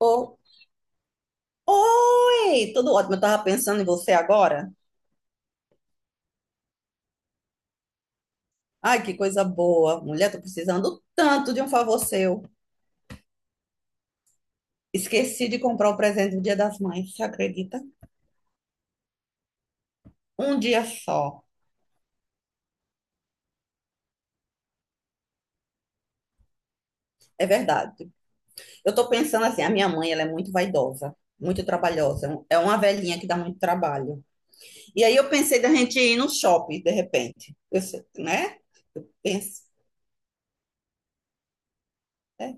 Oh, oi! Tudo ótimo. Eu tava pensando em você agora. Ai, que coisa boa. Mulher, tô precisando tanto de um favor seu. Esqueci de comprar o presente do Dia das Mães, você acredita? Um dia só. É verdade. Eu tô pensando assim, a minha mãe, ela é muito vaidosa, muito trabalhosa. É uma velhinha que dá muito trabalho. E aí eu pensei da gente ir no shopping, de repente. Eu sei, né? Penso. É,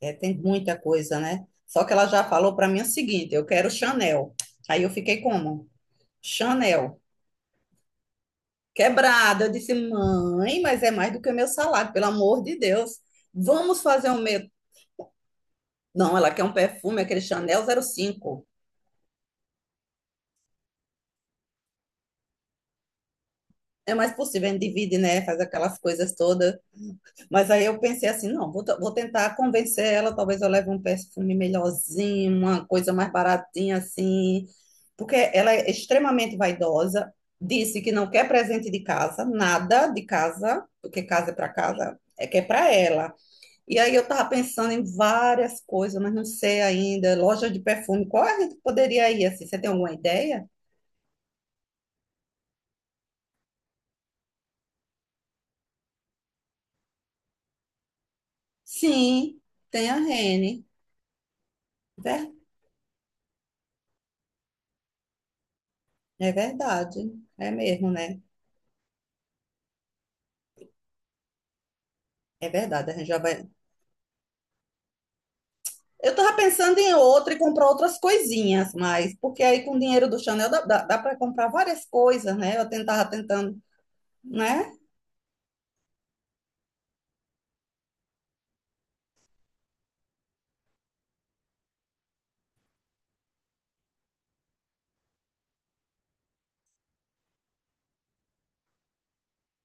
é, tem muita coisa, né? Só que ela já falou pra mim o seguinte, eu quero Chanel. Aí eu fiquei como? Chanel, quebrada. Eu disse, mãe, mas é mais do que o meu salário, pelo amor de Deus. Vamos fazer um meu. Não, ela quer um perfume, aquele Chanel 05. É mais possível, a gente divide, né? Faz aquelas coisas todas. Mas aí eu pensei assim, não, vou tentar convencer ela, talvez eu leve um perfume melhorzinho, uma coisa mais baratinha assim. Porque ela é extremamente vaidosa, disse que não quer presente de casa, nada de casa, porque casa é para casa, é que é para ela. E aí eu estava pensando em várias coisas, mas não sei ainda. Loja de perfume, qual é a gente poderia ir assim? Você tem alguma ideia? Sim, tem a Rene. Ver- É verdade. É mesmo, né? É verdade, a gente já vai. Eu estava pensando em outra e comprar outras coisinhas, mas porque aí com o dinheiro do Chanel dá para comprar várias coisas, né? Eu tentava tentando, né?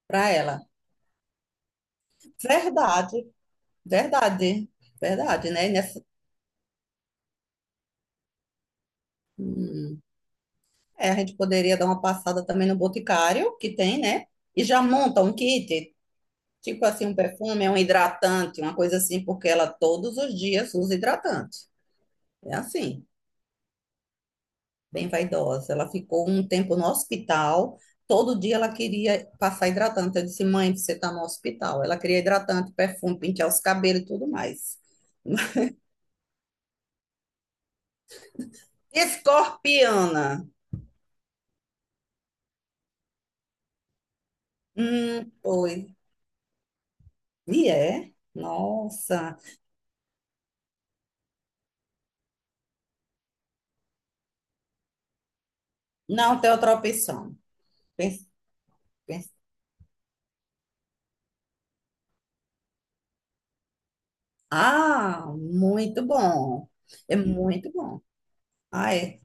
Para ela. Verdade, verdade, verdade, né? E Nessa... Hum. É, a gente poderia dar uma passada também no Boticário, que tem, né? E já monta um kit, tipo assim, um perfume, um hidratante, uma coisa assim, porque ela todos os dias usa hidratante. É assim, bem vaidosa. Ela ficou um tempo no hospital, todo dia ela queria passar hidratante. Eu disse, mãe, você está no hospital. Ela queria hidratante, perfume, pentear os cabelos e tudo mais. Escorpiana. Foi. E é? Nossa. Não tem outra opção. Pense- Ah, muito bom. É muito bom. Ah, é,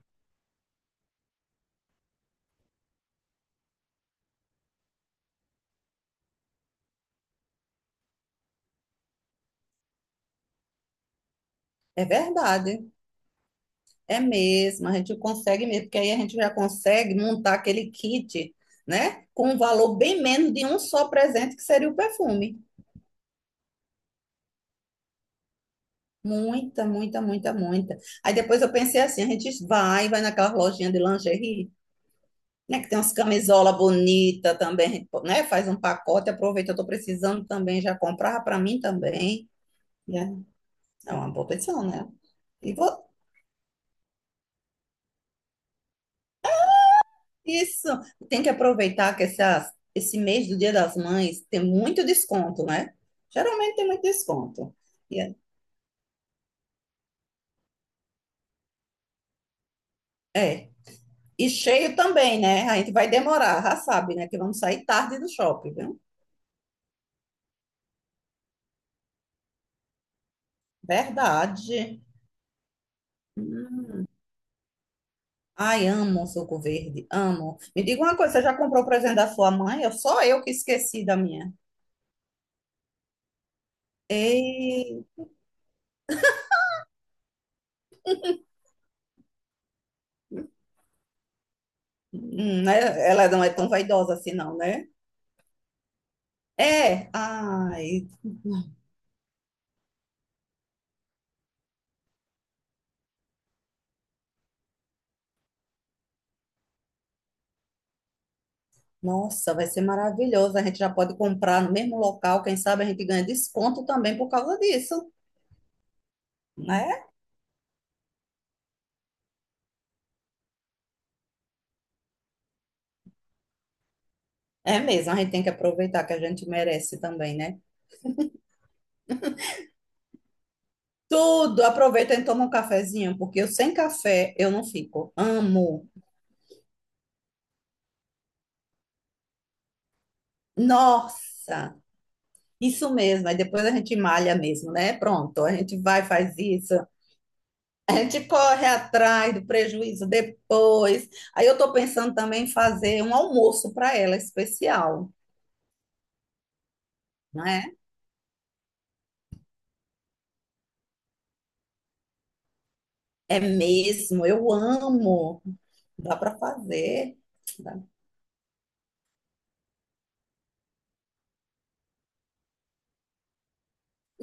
é verdade. É mesmo. A gente consegue mesmo, porque aí a gente já consegue montar aquele kit, né? Com um valor bem menos de um só presente, que seria o perfume. Muita, muita, muita, muita. Aí depois eu pensei assim, a gente vai naquela lojinha de lingerie, né? Que tem umas camisola bonita também, a gente, né? Faz um pacote, aproveita, eu tô precisando também, já comprar para mim também. Né? É uma boa opção, né? E vo- Isso, tem que aproveitar que esse mês do Dia das Mães tem muito desconto, né? Geralmente tem muito desconto. E é. E cheio também, né? A gente vai demorar, já sabe, né? Que vamos sair tarde do shopping, viu? Verdade. Hum. Ai, amo suco verde, amo. Me diga uma coisa, você já comprou o presente da sua mãe? Eu só eu que esqueci da minha. Ei, né? Ela não é tão vaidosa assim, não, né? É, ai, nossa, vai ser maravilhoso. A gente já pode comprar no mesmo local. Quem sabe a gente ganha desconto também por causa disso, né? É mesmo, a gente tem que aproveitar que a gente merece também, né? Tudo, aproveita e toma um cafezinho, porque eu sem café eu não fico. Amo. Nossa, isso mesmo. Aí depois a gente malha mesmo, né? Pronto, a gente vai, faz isso. A gente corre atrás do prejuízo depois. Aí eu tô pensando também em fazer um almoço para ela especial. Né? É mesmo, eu amo. Dá para fazer. Dá-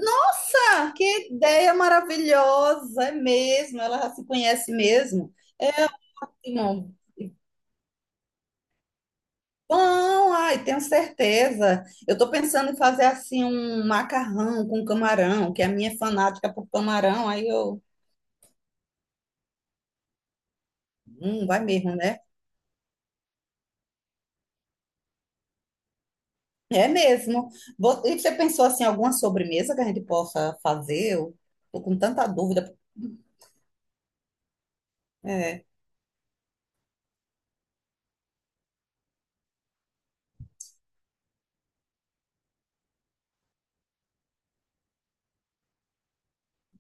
Nossa, que ideia maravilhosa, é mesmo. Ela já se conhece mesmo. É ótimo. Bom, ai, tenho certeza. Eu estou pensando em fazer assim um macarrão com camarão, que a minha é fanática por camarão, aí eu, vai mesmo, né? É mesmo. E você pensou assim, alguma sobremesa que a gente possa fazer? Eu tô com tanta dúvida. É.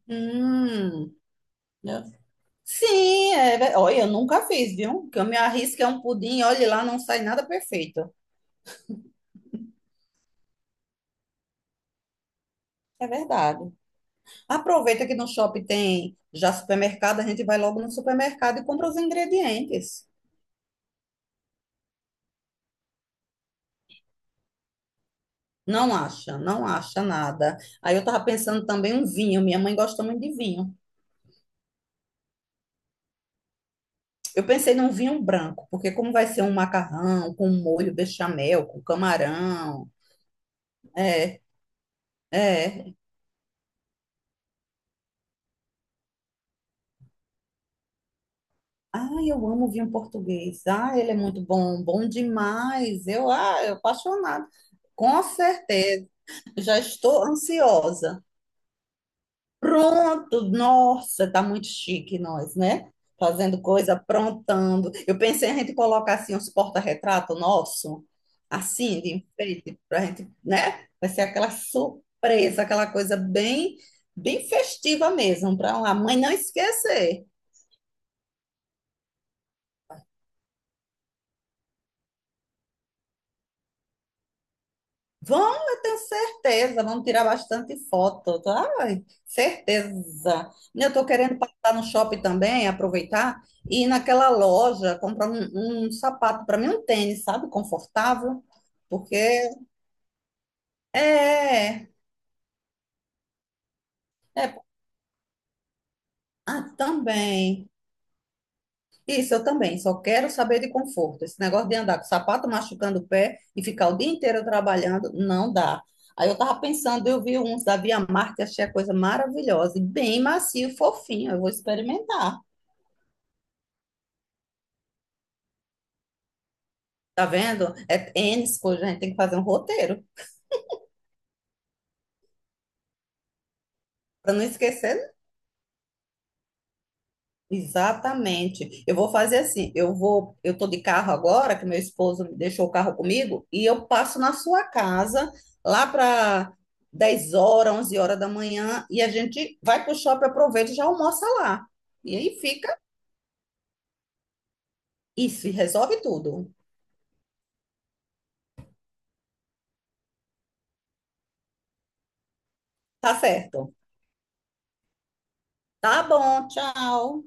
Hum. Sim, é, olha, eu nunca fiz, viu? Que eu me arrisco é um pudim, olha lá, não sai nada perfeito. É verdade. Aproveita que no shopping tem já supermercado, a gente vai logo no supermercado e compra os ingredientes. Não acha, não acha nada. Aí eu tava pensando também um vinho, minha mãe gosta muito de vinho. Eu pensei num vinho branco, porque como vai ser um macarrão com molho bechamel, com camarão, é, é, ah, eu amo vinho português. Ah, ele é muito bom, bom demais. Eu apaixonada. Com certeza. Já estou ansiosa. Pronto, nossa, tá muito chique nós, né? Fazendo coisa, aprontando. Eu pensei a gente colocar assim uns porta-retrato nosso, assim, de enfeite, pra gente, né? Vai ser aquela surpresa, aquela coisa bem, bem festiva mesmo, para a mãe não esquecer. Vão, eu tenho certeza, vamos tirar bastante foto, tá? Ai, certeza. Eu estou querendo passar no shopping também, aproveitar e ir naquela loja comprar um sapato para mim, um tênis, sabe, confortável, porque é, é, ah, também. Isso, eu também, só quero saber de conforto. Esse negócio de andar com o sapato machucando o pé e ficar o dia inteiro trabalhando, não dá. Aí eu tava pensando, eu vi uns da Via Marte, achei a coisa maravilhosa, e bem macio, fofinho, eu vou experimentar. Tá vendo? É tênis, coisa, a gente tem que fazer um roteiro para não esquecer. Exatamente. Eu vou fazer assim, eu tô de carro agora, que meu esposo deixou o carro comigo, e eu passo na sua casa lá para 10 horas, 11 horas da manhã, e a gente vai pro shopping, aproveita e já almoça lá. E aí fica isso, e resolve tudo. Tá certo. Tá bom, tchau.